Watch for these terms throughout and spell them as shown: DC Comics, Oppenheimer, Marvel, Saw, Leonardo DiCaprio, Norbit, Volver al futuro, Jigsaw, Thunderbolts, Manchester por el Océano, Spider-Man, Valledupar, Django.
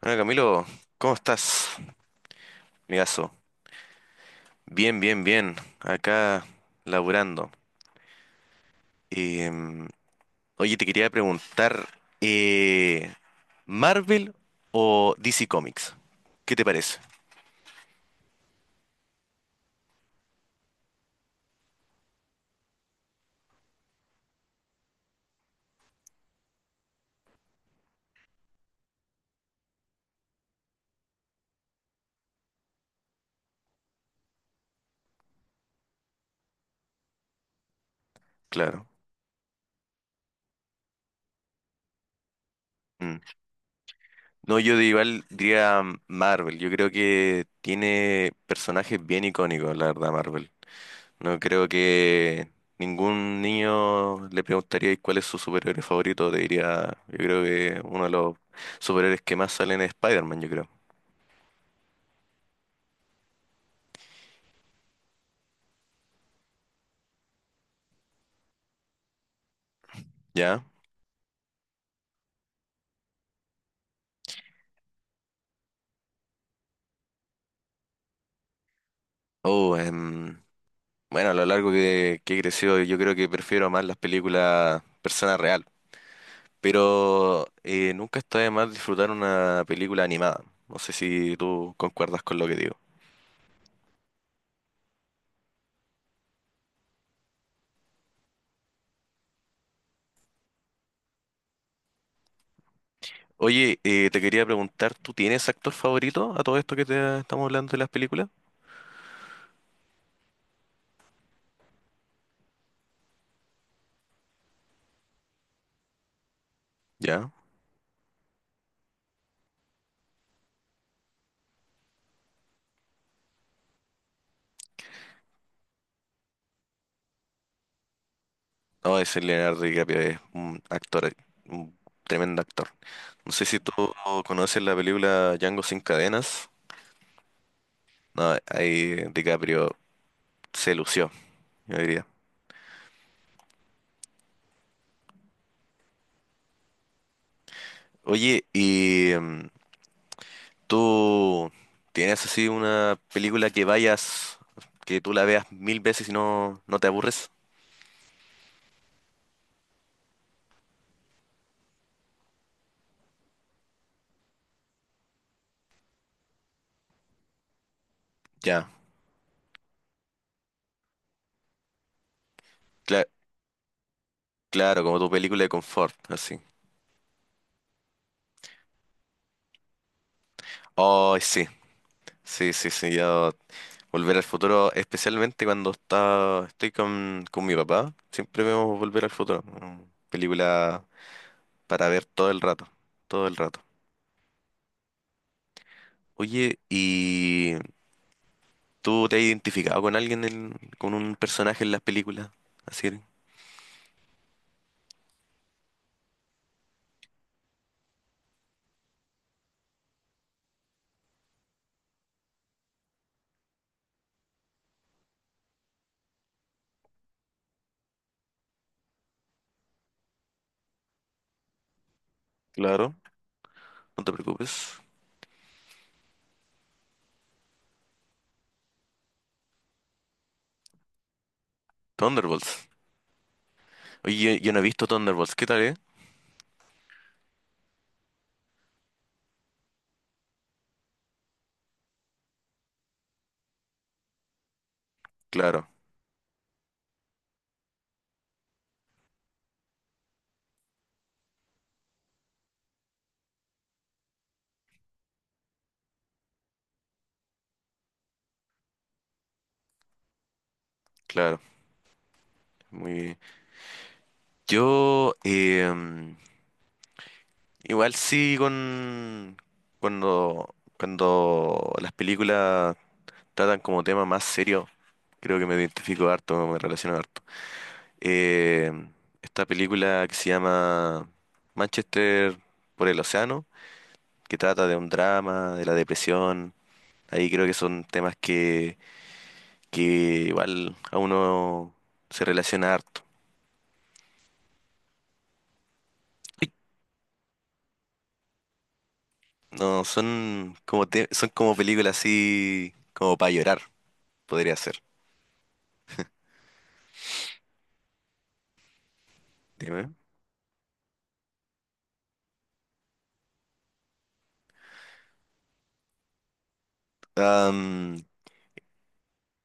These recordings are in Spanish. Bueno, Camilo, ¿cómo estás, amigazo? Bien, bien, bien. Acá laburando. Em, Oye, te quería preguntar, eh, ¿Marvel o DC Comics? ¿Qué te parece? Claro. Mm. No, yo de igual diría Marvel. Yo creo que tiene personajes bien icónicos, la verdad, Marvel. No creo que ningún niño le preguntaría "¿Y cuál es su superhéroe favorito? Te diría, yo creo que uno de los superhéroes que más salen es Spider-Man, yo creo. ¿Ya? Oh, em, bueno, a lo largo que he crecido, yo creo que prefiero más las películas persona real. Pero nunca está de más disfrutar una película animada. No sé si tú concuerdas con lo que digo. Oye, te quería preguntar, ¿tú tienes actor favorito a todo esto que te estamos hablando de las películas? ¿Ya? No, ese Leonardo DiCaprio es un actor, un tremendo actor. No sé si tú conoces la película Django sin cadenas. No, ahí DiCaprio se lució, yo diría. Oye, ¿y tú tienes así una película que vayas, que tú la veas mil veces y no te aburres? Ya, cla- claro, como tu película de confort, así. Oh, sí, yo Volver al futuro, especialmente cuando estoy con mi papá, siempre vemos Volver al futuro. Película para ver todo el rato, todo el rato. Oye, ¿y tú te has identificado con alguien, con un personaje en las películas? Así, claro, no te preocupes. Thunderbolts. Oye, yo, no he visto Thunderbolts, ¿qué tal, eh? Claro, claro, muy bien. Yo, igual sí con, cuando las películas tratan como tema más serio, creo que me identifico harto, me relaciono harto. Eh, esta película que se llama Manchester por el Océano, que trata de un drama, de la depresión, ahí creo que son temas que igual a uno se relaciona harto. Uy, no, son son como películas así como para llorar, podría ser. Dime.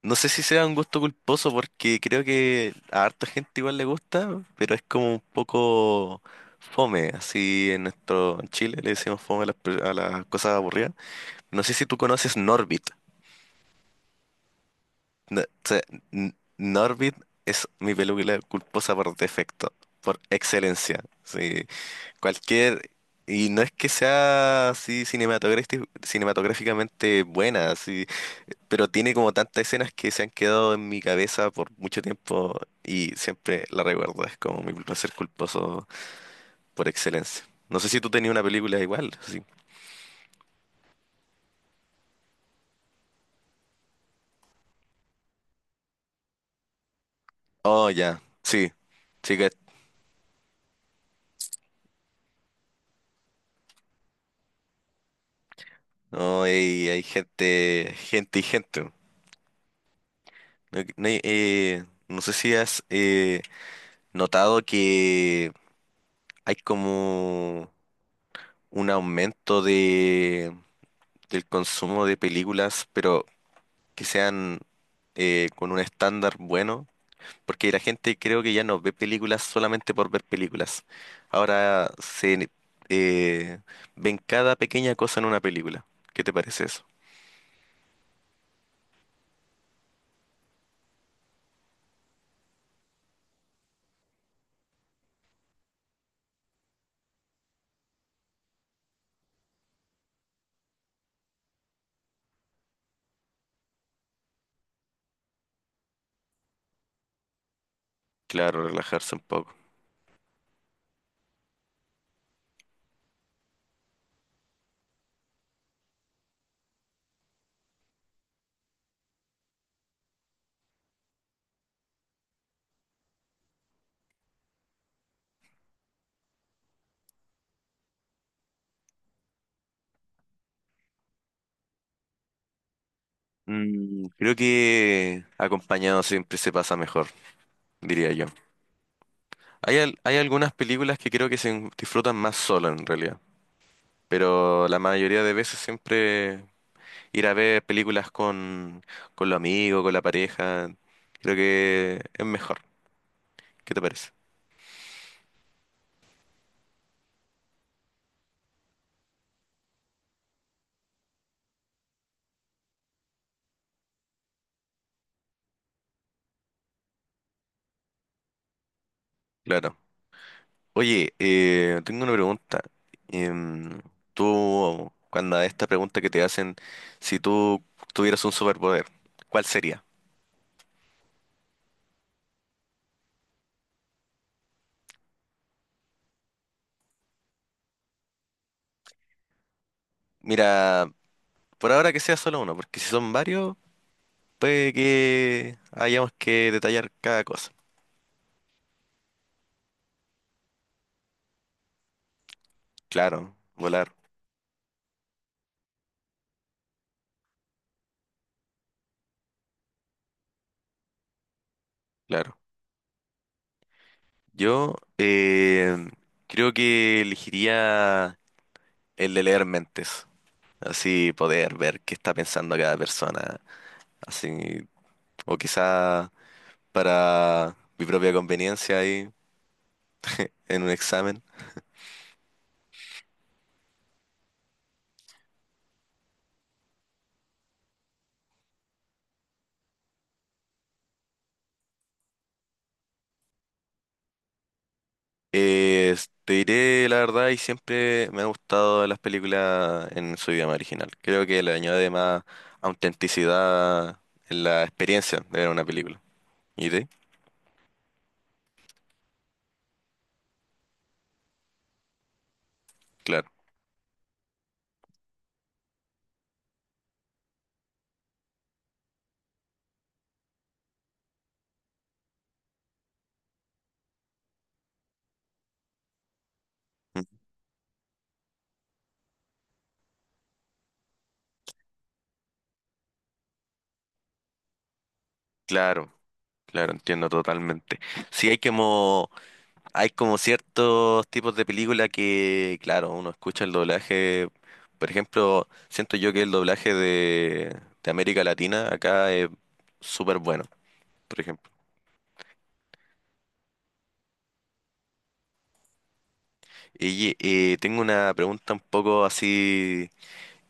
No sé si sea un gusto culposo porque creo que a harta gente igual le gusta, pero es como un poco fome, así en nuestro en Chile le decimos fome a a las cosas aburridas. No sé si tú conoces Norbit. O sea, Norbit es mi película culposa por defecto, por excelencia. Sí. Cualquier, y no es que sea así cinematográficamente buena, así, pero tiene como tantas escenas que se han quedado en mi cabeza por mucho tiempo y siempre la recuerdo, es como mi placer culposo por excelencia. No sé si tú tenías una película igual, así. Oh, ya, sí. No, hay gente, gente y gente. No, no sé si has notado que hay como un aumento del consumo de películas, pero que sean con un estándar bueno, porque la gente creo que ya no ve películas solamente por ver películas. Ahora se eh, ven cada pequeña cosa en una película. ¿Qué te parece eso? Claro, relajarse un poco. Mm, creo que acompañado siempre se pasa mejor, diría yo. Hay, hay algunas películas que creo que se disfrutan más solo en realidad, pero la mayoría de veces siempre ir a ver películas con los amigos, con la pareja, creo que es mejor. ¿Qué te parece? Claro. Oye, tengo una pregunta. Em, Tú, cuando a esta pregunta que te hacen, si tú tuvieras un superpoder, ¿cuál sería? Mira, por ahora que sea solo uno, porque si son varios, puede que hayamos que detallar cada cosa. Claro, volar, claro. Yo eh, creo que elegiría el de leer mentes, así poder ver qué está pensando cada persona, así, o quizá para mi propia conveniencia ahí en un examen. Eh, Te diré la verdad y siempre me han gustado las películas en su idioma original. Creo que le añade más autenticidad en la experiencia de ver una película. ¿Y de? Claro, mm, claro, claro, entiendo totalmente. Sí hay como Hay como ciertos tipos de película que, claro, uno escucha el doblaje. Por ejemplo, siento yo que el doblaje de América Latina acá es súper bueno, por ejemplo. Y tengo una pregunta un poco así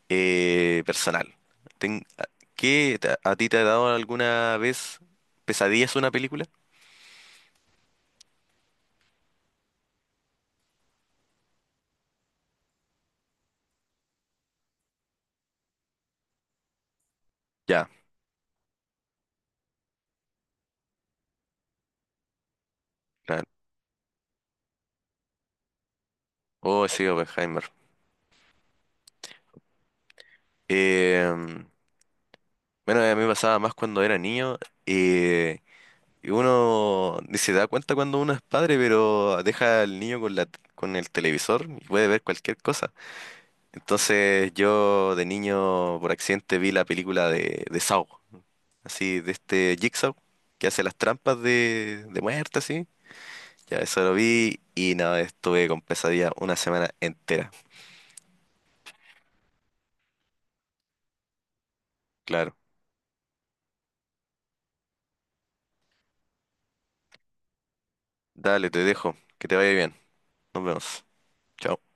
personal. Ten- a- ¿Qué a ti te ha dado alguna vez pesadillas una película? Ya, claro. Oh, sí, Oppenheimer. Eh, bueno, a mí me pasaba más cuando era niño. eh, Y uno ni se da cuenta cuando uno es padre, pero deja al niño con la, con el televisor y puede ver cualquier cosa. Entonces yo de niño por accidente vi la película de Saw, así de este Jigsaw que hace las trampas de muerte, así. Ya eso lo vi y nada, estuve con pesadilla una semana entera. Claro. Dale, te dejo. Que te vaya bien. Nos vemos. Chao.